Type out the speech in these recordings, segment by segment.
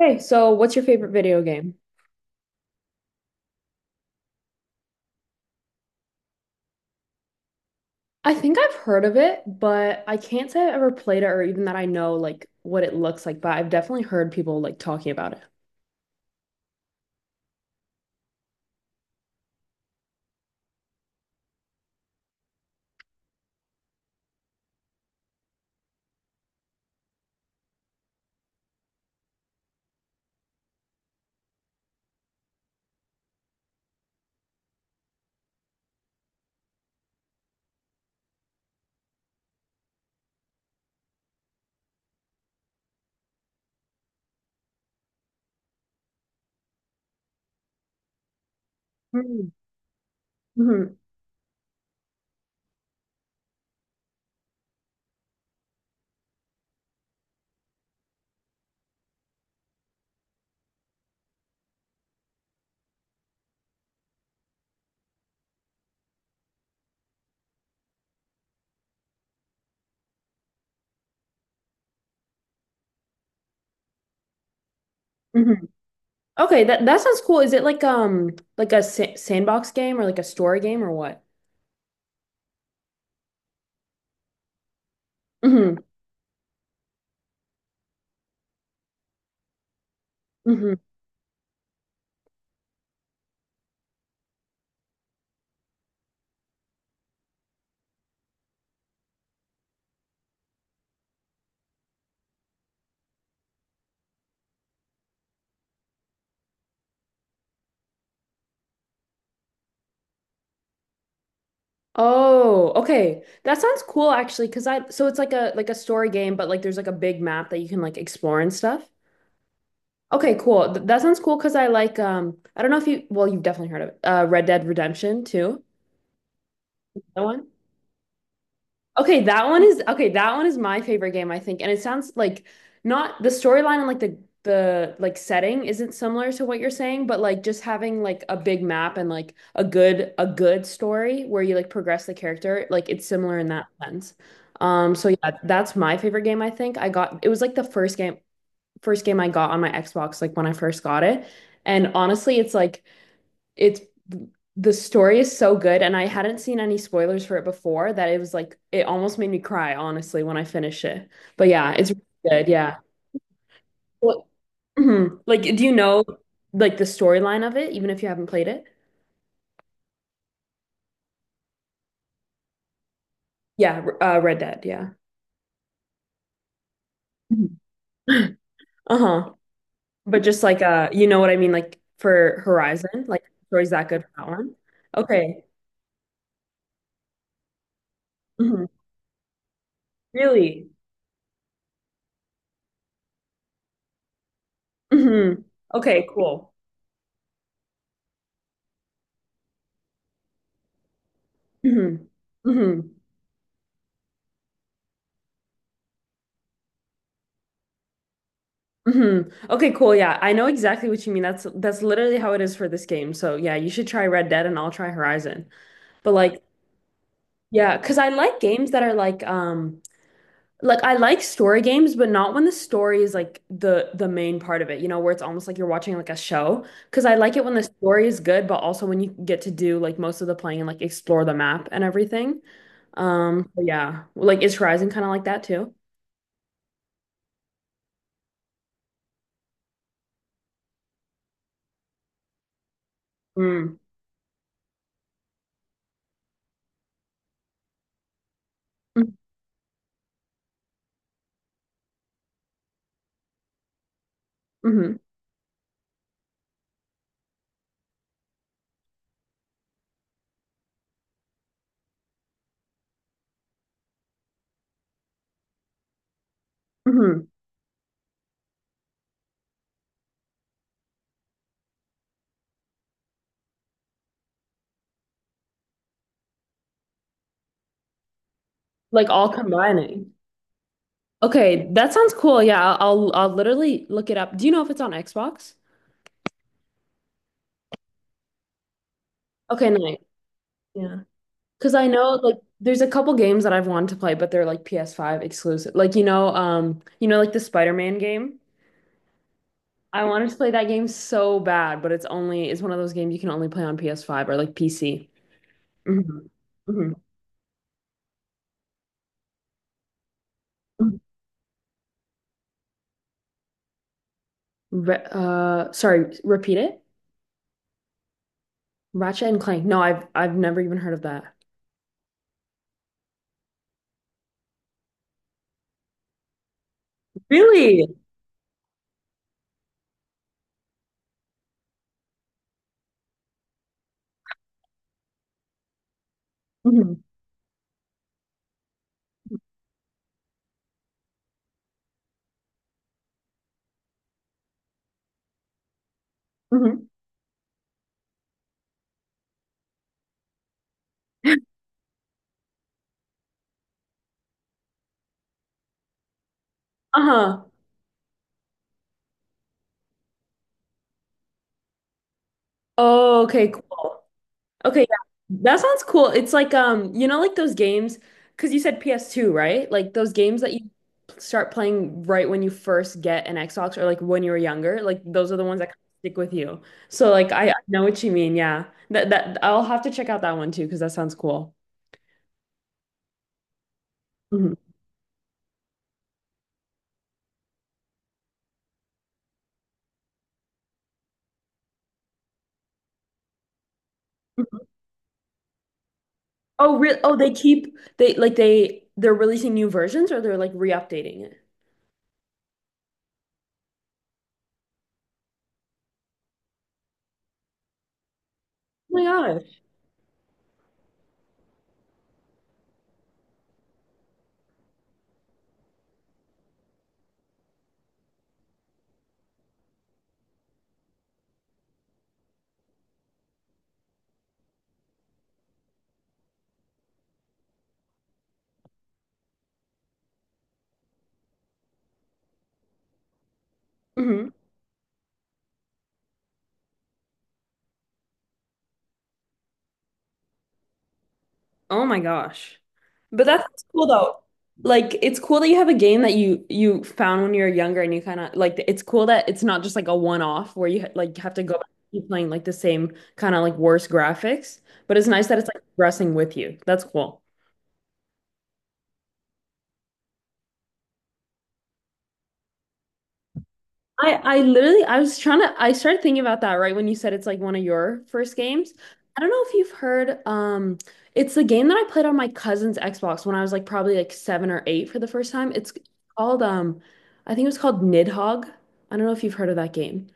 Hey, so what's your favorite video game? I think I've heard of it, but I can't say I've ever played it or even that I know like what it looks like, but I've definitely heard people like talking about it. Mm-hmm. hmm Okay, that sounds cool. Is it like a sa sandbox game or like a story game or what? hmm hmm Oh, okay. That sounds cool actually, 'cause I so it's like a story game, but like there's like a big map that you can like explore and stuff. Okay, cool. That sounds cool because I like I don't know if you well you've definitely heard of it. Red Dead Redemption too. That one? Okay, that one is okay, that one is my favorite game, I think. And it sounds like not the storyline and like the like setting isn't similar to what you're saying, but like just having like a big map and like a good story where you like progress the character, like it's similar in that sense. So yeah, that's my favorite game, I think. I got It was like the first game I got on my Xbox, like when I first got it. And honestly, it's like it's the story is so good, and I hadn't seen any spoilers for it before that it was like it almost made me cry, honestly, when I finished it. But yeah, it's really good. Yeah. Well, mhm. Like, do you know like the storyline of it, even if you haven't played it? Yeah, Red Dead. Yeah. Mhm. Uh-huh. But just like you know what I mean, like for Horizon, like the story's that good for that one. Okay. Mhm. Really? hmm Okay, cool. hmm hmm hmm Okay, cool. Yeah, I know exactly what you mean. That's literally how it is for this game. So yeah, you should try Red Dead and I'll try Horizon. But like, yeah, because I like games that are like I like story games, but not when the story is like the main part of it, you know, where it's almost like you're watching like a show. Because I like it when the story is good, but also when you get to do like most of the playing and like explore the map and everything. So yeah, like is Horizon kind of like that too? Mm. hmm hmm Like all combining. Okay, that sounds cool. Yeah, I'll literally look it up. Do you know if it's on Xbox? Okay, nice. Yeah. Because I know like there's a couple games that I've wanted to play, but they're like PS5 exclusive. Like you know, like the Spider-Man game. I wanted to play that game so bad, but it's one of those games you can only play on PS5 or like PC. hmm hmm Re sorry, repeat it. Ratchet and Clank. No, I've never even heard of that. Really? hmm hmm Uh-huh. Oh, okay, cool. Okay, yeah. That sounds cool. It's like you know, like those games, because you said PS2, right? Like those games that you start playing right when you first get an Xbox or like when you were younger, like those are the ones that kind of stick with you. So like I know what you mean, yeah. That I'll have to check out that one too, because that sounds cool. Mhm. Mhm. Oh, real Oh, they keep they're releasing new versions or they're like re-updating it. Oh my gosh. Mm-hmm. Oh my gosh. But that's cool though. Like it's cool that you have a game that you found when you were younger and you kind of like it's cool that it's not just like a one-off where you like have to go back and keep playing like the same kind of like worse graphics, but it's nice that it's like progressing with you. That's cool. I literally I was trying to I started thinking about that right when you said it's like one of your first games. I don't know if you've heard it's the game that I played on my cousin's Xbox when I was like probably like 7 or 8 for the first time. It's called I think it was called Nidhogg. I don't know if you've heard of that game.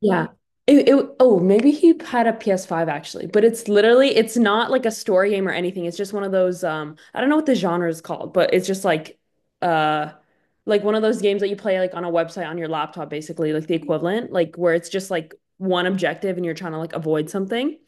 Yeah. It oh maybe he had a PS5 actually, but it's not like a story game or anything. It's just one of those I don't know what the genre is called, but it's just uh like one of those games that you play like on a website on your laptop basically, like the equivalent, like where it's just like one objective and you're trying to like avoid something.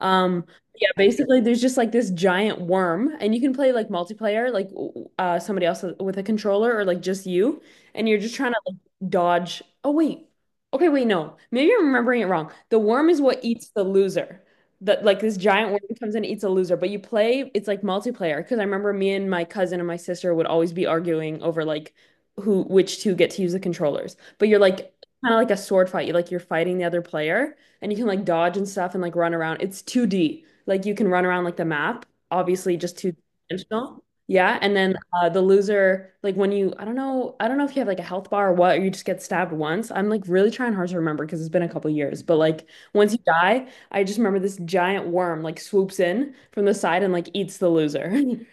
Um, yeah, basically there's just like this giant worm and you can play like multiplayer like somebody else with a controller or like just you and you're just trying to like dodge. Oh wait. Okay, wait, no. Maybe I'm remembering it wrong. The worm is what eats the loser. That Like this giant worm comes in and eats a loser, but you play, it's like multiplayer because I remember me and my cousin and my sister would always be arguing over like who which two get to use the controllers. But you're like kind of like a sword fight. You're fighting the other player and you can like dodge and stuff and like run around. It's 2D. Like you can run around like the map, obviously just two dimensional. Yeah, and then the loser, like I don't know if you have like a health bar or what, or you just get stabbed once. I'm like really trying hard to remember because it's been a couple years, but like once you die, I just remember this giant worm like swoops in from the side and like eats the loser.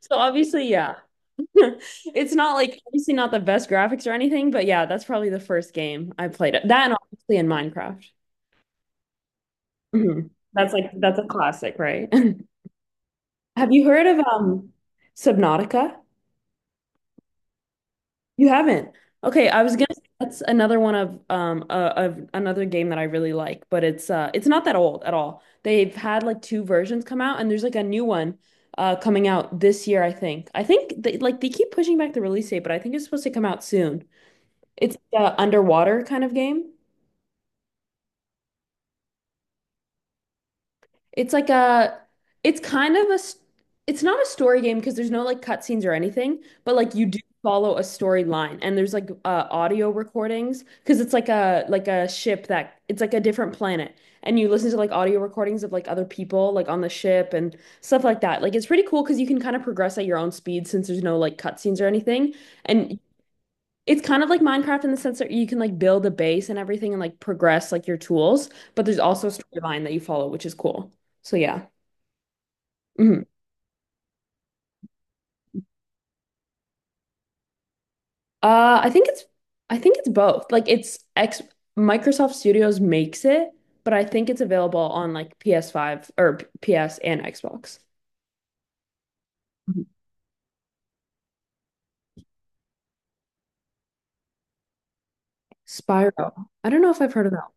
So obviously, yeah, it's not like obviously not the best graphics or anything, but yeah, that's probably the first game I played. That and obviously in Minecraft. Mhm. That's like that's a classic, right? Have you heard of Subnautica? You haven't. Okay, I was gonna say that's another one of another game that I really like, but it's not that old at all. They've had like two versions come out, and there's like a new one coming out this year, I think. They keep pushing back the release date, but I think it's supposed to come out soon. It's a underwater kind of game. It's like a, it's kind of it's not a story game because there's no like cutscenes or anything, but like you do follow a storyline and there's like audio recordings because it's like a ship that it's like a different planet and you listen to like audio recordings of like other people like on the ship and stuff like that. Like it's pretty cool because you can kind of progress at your own speed since there's no like cutscenes or anything. And it's kind of like Minecraft in the sense that you can like build a base and everything and like progress like your tools, but there's also a storyline that you follow, which is cool. So yeah. Mhm. Uh, I think it's I think it's both. Like it's X Microsoft Studios makes it, but I think it's available on like PS5 or PS and Xbox. Mhm. Spyro. I don't know if I've heard of that.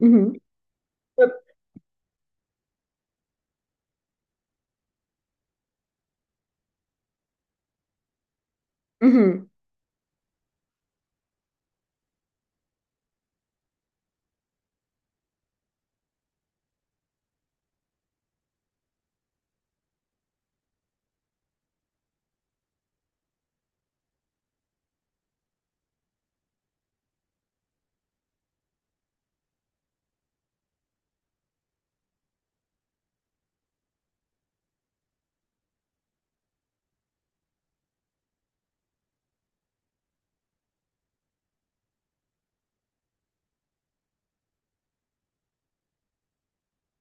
hmm hmm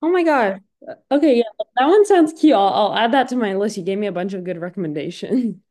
Oh my gosh. Okay, yeah, that one sounds cute. I'll add that to my list. You gave me a bunch of good recommendations.